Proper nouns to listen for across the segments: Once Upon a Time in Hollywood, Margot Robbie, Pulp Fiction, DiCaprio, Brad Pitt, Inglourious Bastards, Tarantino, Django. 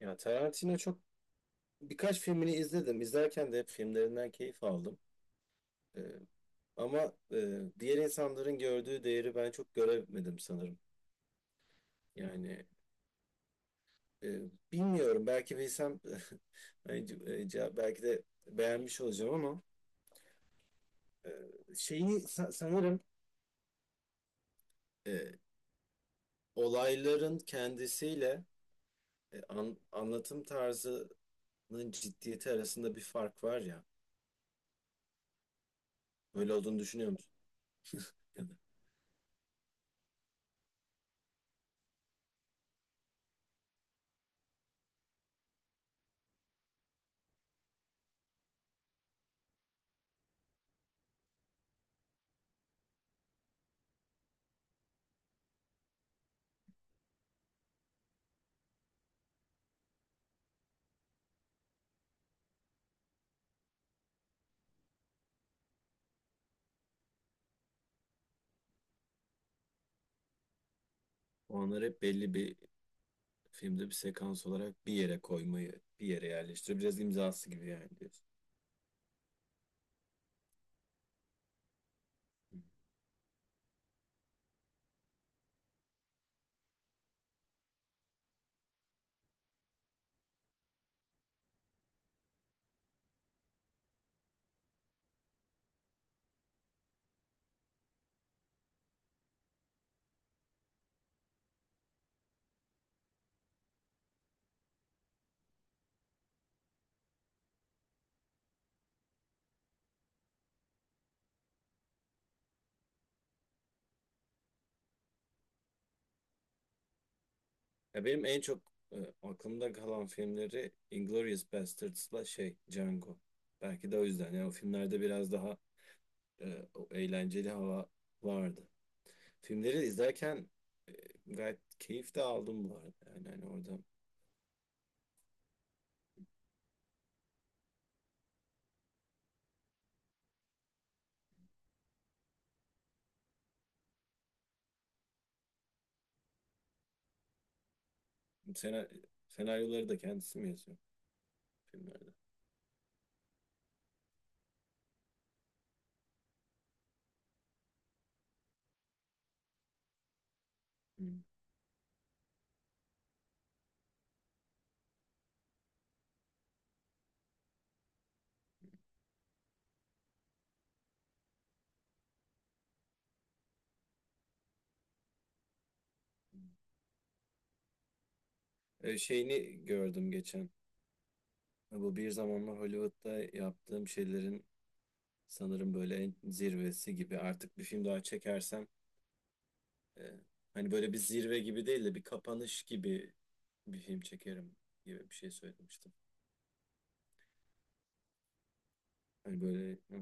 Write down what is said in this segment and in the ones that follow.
Ya Tarantino birkaç filmini izledim. İzlerken de hep filmlerinden keyif aldım. Ee, Ama diğer insanların gördüğü değeri ben çok göremedim sanırım. Yani e, bilmiyorum, belki bilsem hani belki de beğenmiş olacağım, ama e, şeyi sanırım e, olayların kendisiyle anlatım tarzının ciddiyeti arasında bir fark var ya. Böyle olduğunu düşünüyor musun? Ya da Onlar hep belli bir filmde bir sekans olarak bir yere koymayı, bir yere yerleştiriyor. Biraz imzası gibi, yani diyorsun. Ya, benim en çok aklımda kalan filmleri Inglourious Bastards'la şey Django. Belki de o yüzden. Yani o filmlerde biraz daha o eğlenceli hava vardı. Filmleri izlerken gayet keyif de aldım bu arada. Yani hani orada sena- senaryoları da kendisi mi yazıyor filmlerde? Hmm. Şeyini gördüm geçen. Bu bir zamanlar Hollywood'da yaptığım şeylerin sanırım böyle en zirvesi gibi. Artık bir film daha çekersem e, hani böyle bir zirve gibi değil de bir kapanış gibi bir film çekerim gibi bir şey söylemiştim. Hani böyle hı,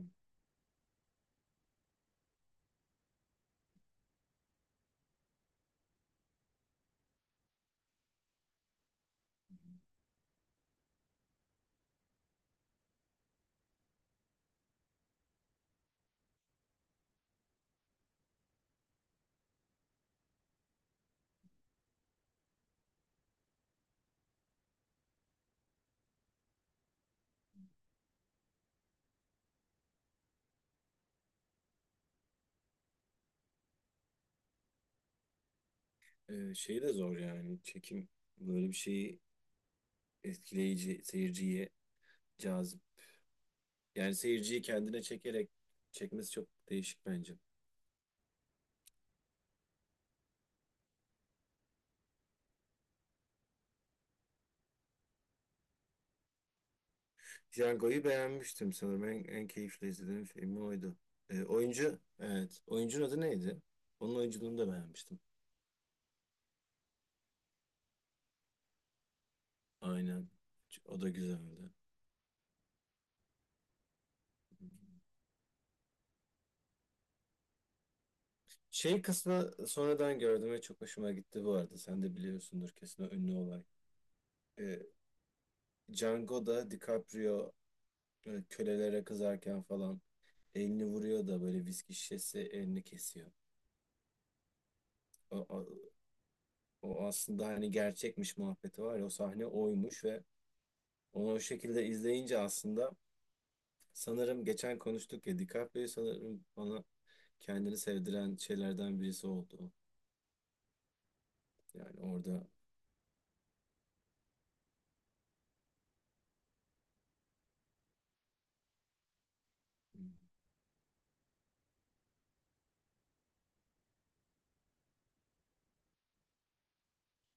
e, şey de zor yani, çekim böyle bir şeyi etkileyici, seyirciye cazip. Yani seyirciyi kendine çekerek çekmesi çok değişik bence. Django'yu beğenmiştim sanırım. En keyifli izlediğim film oydu. Oyuncu, evet. Oyuncunun adı neydi? Onun oyunculuğunu da beğenmiştim. Aynen. O da güzeldi. Şey kısmı sonradan gördüm ve çok hoşuma gitti bu arada. Sen de biliyorsundur kesin o ünlü olay. Ee, Django'da DiCaprio kölelere kızarken falan elini vuruyor da böyle viski şişesi elini kesiyor. O, o, o aslında hani gerçekmiş muhabbeti var ya, o sahne oymuş. Ve onu o şekilde izleyince aslında sanırım, geçen konuştuk ya, DiCaprio sanırım bana kendini sevdiren şeylerden birisi oldu. Yani orada.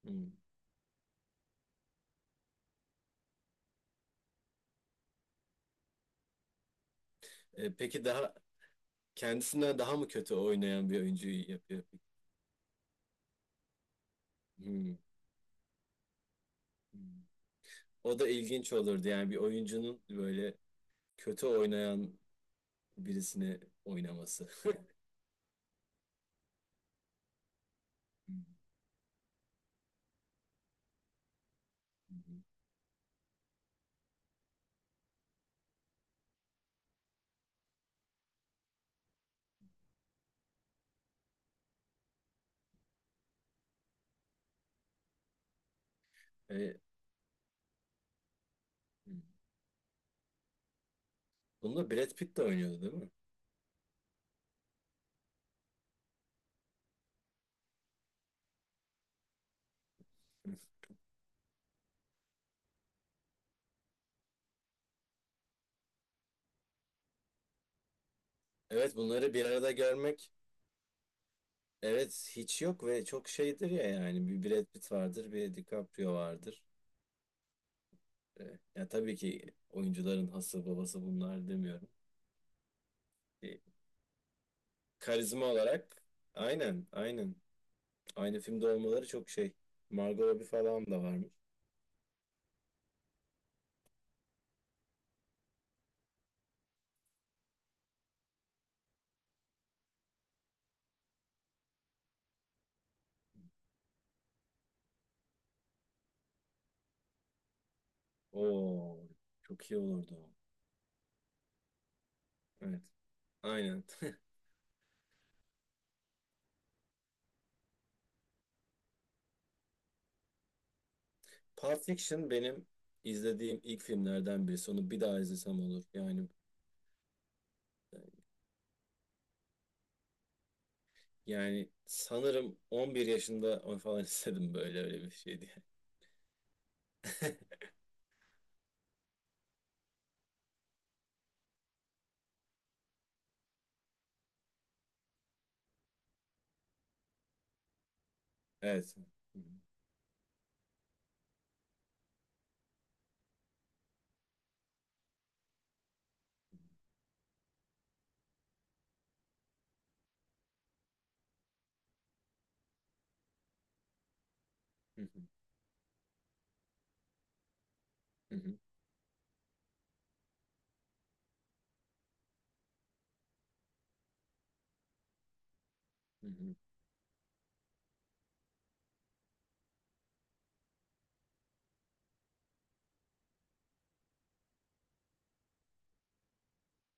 Hmm. Peki, daha kendisinden daha mı kötü oynayan bir oyuncuyu yapıyor? Hmm. O da ilginç olurdu, yani bir oyuncunun böyle kötü oynayan birisini oynaması. Hmm. E, Bunda Brad Pitt de oynuyordu değil mi? Evet, bunları bir arada görmek, evet, hiç yok ve çok şeydir ya. Yani bir Brad Pitt vardır, bir DiCaprio vardır. Ya, tabii ki oyuncuların hası babası bunlar demiyorum. E, Karizma olarak, aynen, aynen. Aynı filmde olmaları çok şey. Margot Robbie falan da varmış. Oo, çok iyi olurdu o. Evet. Aynen. Pulp Fiction benim izlediğim ilk filmlerden birisi. Onu bir daha izlesem olur. Yani sanırım 11 yaşında onu falan istedim, böyle öyle bir şey diye. Evet. Hı hı, hı hı, hı hı.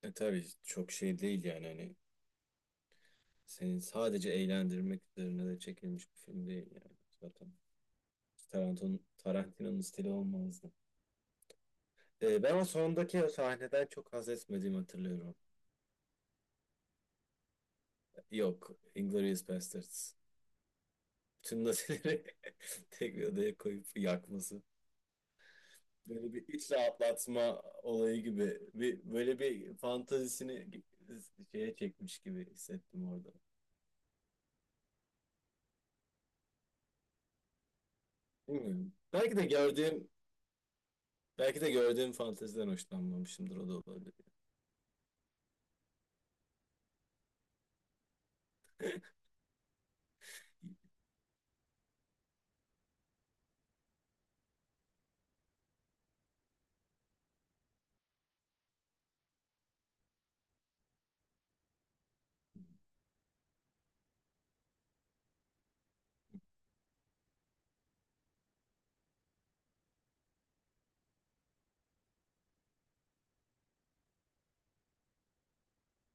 Tabii, çok şey değil yani, hani seni sadece eğlendirmek üzerine de çekilmiş bir film değil yani, zaten. Tarantino'nun stili olmaz. Ben o sondaki sahneden çok haz etmediğimi hatırlıyorum. Yok, Inglourious Basterds. Bütün nazileri tek bir odaya koyup yakması. Böyle bir iç rahatlatma olayı gibi. Böyle bir fantazisini şeye çekmiş gibi hissettim orada. Bilmiyorum. Belki de gördüğüm fanteziden hoşlanmamışımdır, o da olabilir.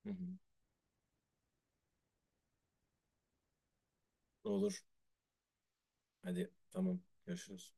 Hı hı. Olur. Hadi, tamam. Görüşürüz.